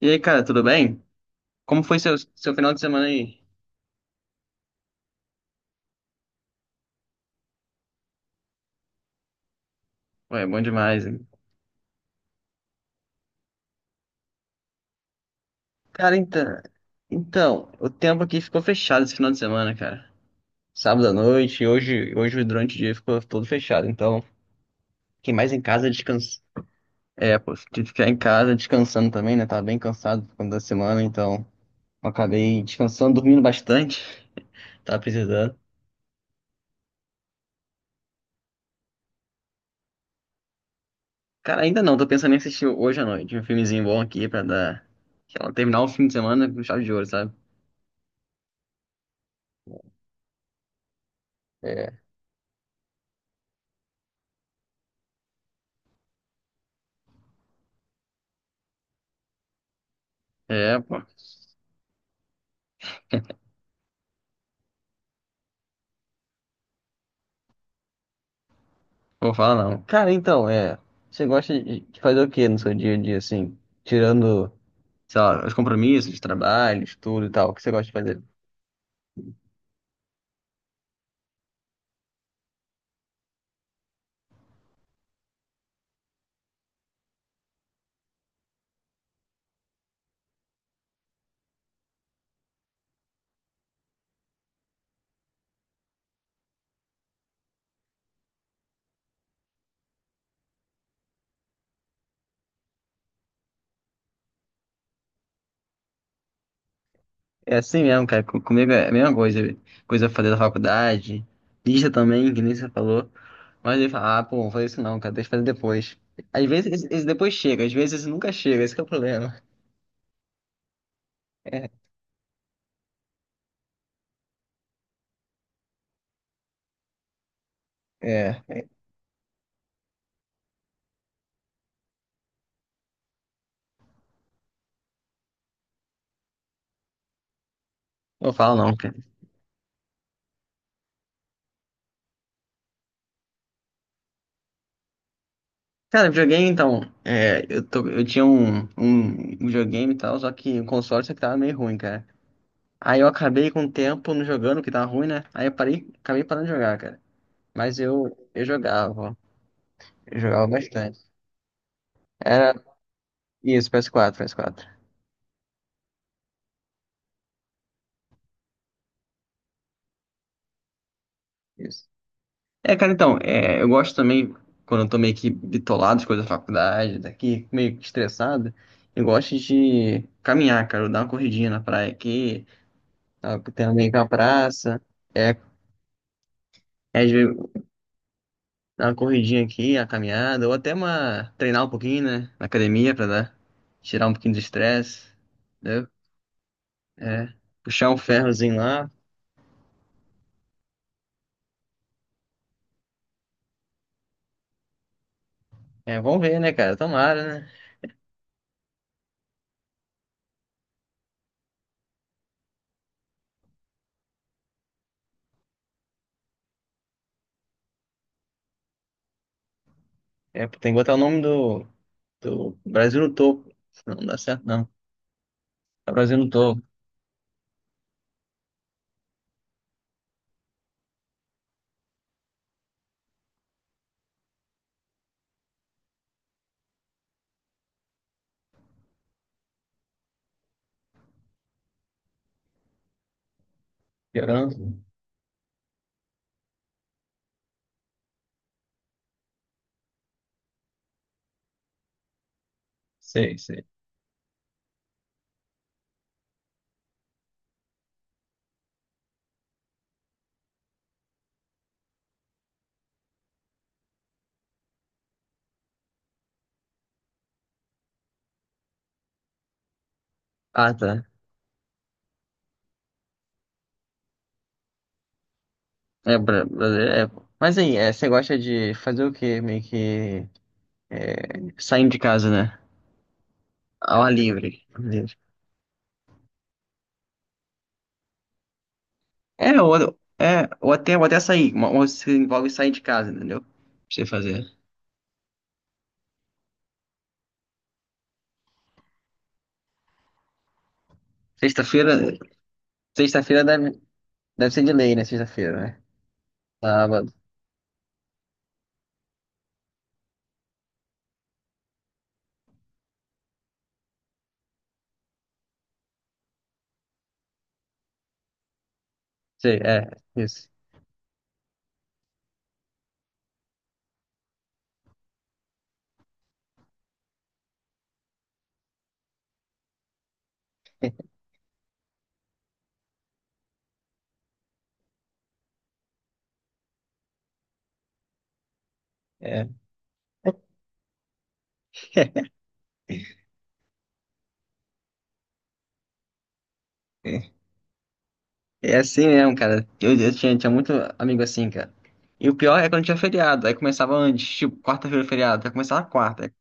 E aí, cara, tudo bem? Como foi seu final de semana aí? Ué, bom demais, hein? Cara, então, o tempo aqui ficou fechado esse final de semana, cara. Sábado à noite, e hoje durante o dia ficou todo fechado. Então, quem mais em casa descansa. É, pô, tive que ficar em casa descansando também, né? Tava bem cansado por conta da semana, então eu acabei descansando, dormindo bastante. Tava precisando. Cara, ainda não, tô pensando em assistir hoje à noite um filmezinho bom aqui pra dar, sei lá, terminar o fim de semana com chave de ouro, sabe? É, é, pô. Não vou falar não. Cara, então, é. Você gosta de fazer o quê no seu dia a dia, assim? Tirando, sei lá, os compromissos de trabalho, estudo e tal, o que você gosta de fazer? É assim mesmo, cara. Comigo é a mesma coisa. Coisa pra fazer da faculdade, lista também, que nem você falou. Mas ele fala, ah, pô, vou fazer isso não, cara, deixa eu fazer depois. Às vezes esse depois chega, às vezes esse nunca chega, esse que é o problema. É, é. Não falo não, cara. Cara, videogame então, eu tinha um videogame e tal, só que o console só que tava meio ruim, cara. Aí eu acabei com o tempo não jogando, que tava ruim, né? Aí eu parei, acabei parando de jogar, cara. Mas eu jogava, ó. Eu jogava bastante. Era isso, PS4, PS4. Isso. É, cara, então, é, eu gosto também, quando eu tô meio que bitolado de coisa da faculdade, daqui, meio que estressado, eu gosto de caminhar, cara, eu dar uma corridinha na praia aqui, tá, tem também com a praça. É, é, dar uma corridinha aqui, uma caminhada, ou até uma treinar um pouquinho, né? Na academia pra dar, tirar um pouquinho do estresse, entendeu? É, puxar um ferrozinho lá. É, vamos ver, né, cara? Tomara, né? É, tem que botar o nome do, do Brasil no topo. Senão não dá certo, não. Tá Brasil no topo. Quebrando? Sei, sei. Ah, tá. É, Brasil, é. Pô. Mas aí, é, você gosta de fazer o quê? Meio que é, saindo de casa, né? Ao ar livre. É, ou, é, ou até sair, ou se envolve sair de casa, entendeu? Pra você fazer. Sexta-feira, sexta-feira, deve ser de lei, né? Sexta-feira, né? Sábado, sei, é, isso. É. É assim mesmo, cara. Eu tinha, tinha muito amigo assim, cara. E o pior é quando tinha feriado, aí começava antes, tipo, quarta-feira é feriado, aí começava quarta.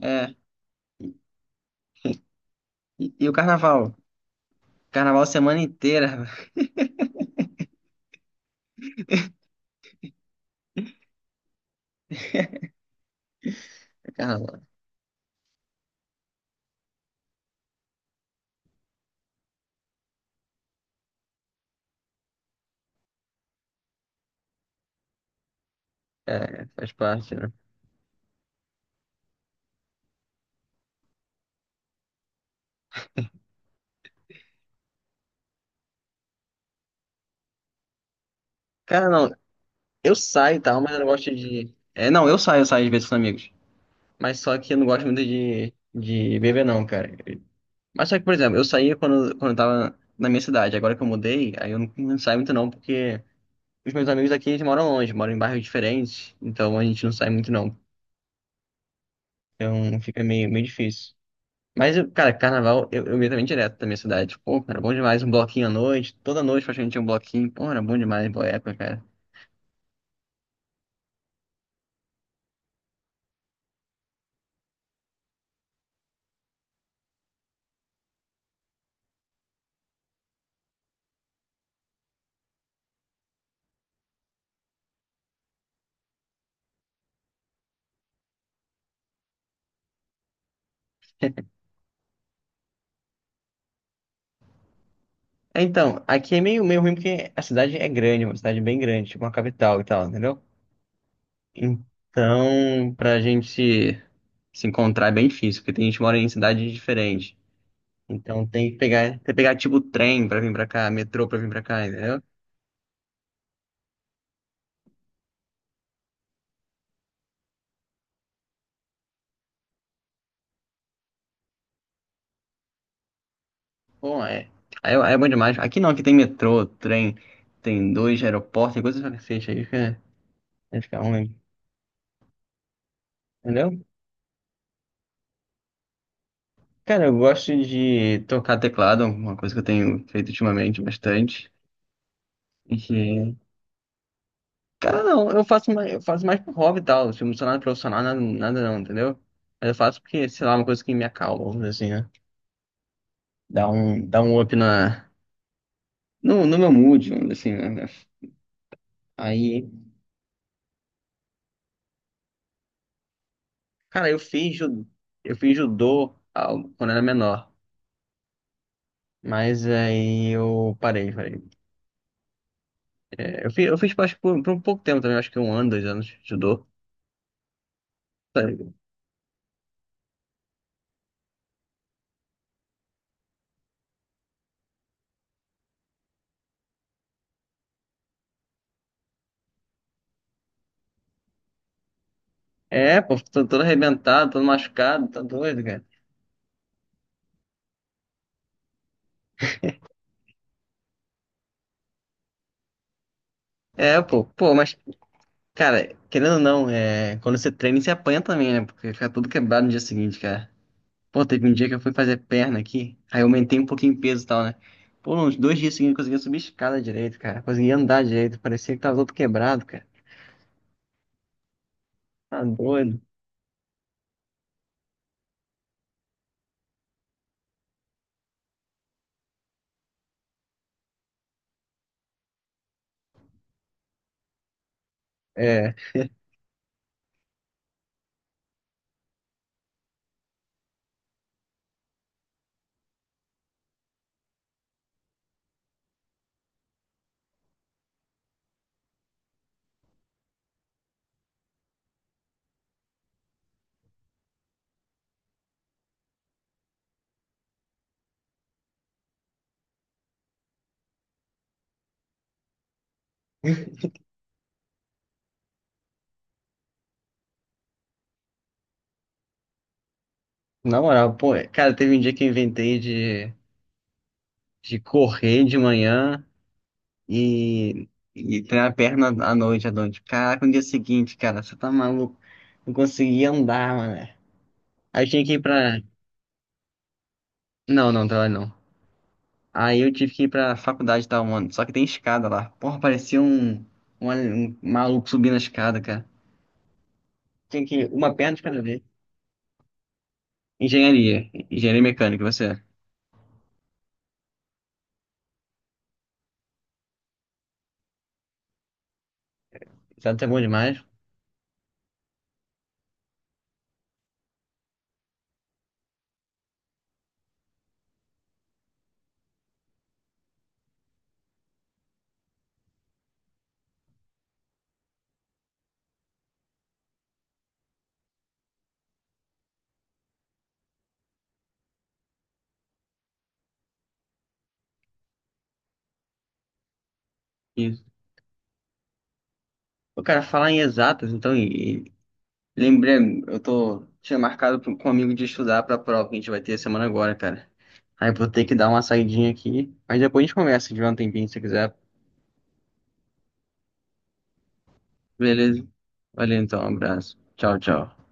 É. E o carnaval? Carnaval semana inteira. Carnaval. É, faz parte, né? Cara, não, eu saio e tal, mas eu não gosto de. É, não, eu saio às vezes com os amigos. Mas só que eu não gosto muito de beber, não, cara. Mas só que, por exemplo, eu saía quando eu tava na minha cidade. Agora que eu mudei, aí eu não saio muito, não, porque os meus amigos aqui eles moram longe, moram em bairros diferentes. Então a gente não sai muito, não. Então fica meio difícil. Mas, cara, carnaval, eu ia também direto da minha cidade. Pô, cara, bom demais. Um bloquinho à noite. Toda noite praticamente tinha um bloquinho. Pô, era bom demais, boa época, cara. Então, aqui é meio ruim porque a cidade é grande, uma cidade bem grande, tipo uma capital e tal, entendeu? Então, pra gente se encontrar é bem difícil, porque tem gente que mora em cidades diferentes. Então tem que pegar tipo trem pra vir pra cá, metrô pra vir pra cá, entendeu? Bom, é, aí é, é bom demais. Aqui não, aqui tem metrô, trem, tem dois aeroportos, tem coisas pra cacete aí, fica, aí ficar ruim, entendeu? Cara, eu gosto de tocar teclado, uma coisa que eu tenho feito ultimamente bastante. E que cara, não, eu faço mais por hobby e tal. Tipo, não sou nada profissional, nada não, entendeu? Mas eu faço porque, sei lá, uma coisa que me acalma, vamos dizer assim, né? Dá um up na, no meu mood, vamos dizer assim, né? Aí, cara, eu fiz judô ah, quando era menor. Mas aí eu parei. É, eu fiz parte por um pouco tempo também, acho que um ano, dois anos de judô. É, pô, tô todo arrebentado, todo machucado, tá doido, cara. É, pô, pô, mas cara, querendo ou não, é... quando você treina, você apanha também, né? Porque fica tudo quebrado no dia seguinte, cara. Pô, teve um dia que eu fui fazer perna aqui, aí eu aumentei um pouquinho o peso e tal, né? Pô, uns dois dias seguintes eu conseguia subir escada direito, cara. Conseguia andar direito, parecia que tava todo quebrado, cara. Tá doido. É, na moral, pô, cara, teve um dia que eu inventei de correr de manhã e, e treinar a perna à noite, à noite. Caraca, no dia seguinte, cara, você tá maluco? Não conseguia andar, mano. Aí tinha que ir pra não, não, trabalho não. Aí eu tive que ir pra faculdade e tal, mano. Só que tem escada lá. Porra, parecia um, um maluco subindo a escada, cara. Tinha que uma perna de cada vez. Engenharia. Engenharia mecânica, você. Exato é bom demais. Isso. O cara falar em exatas, então, e lembrei, eu tô, tinha marcado com um amigo de estudar pra prova que a gente vai ter semana agora, cara. Aí eu vou ter que dar uma saidinha aqui. Mas depois a gente conversa de um tempinho, se quiser. Beleza? Valeu então, um abraço. Tchau, tchau.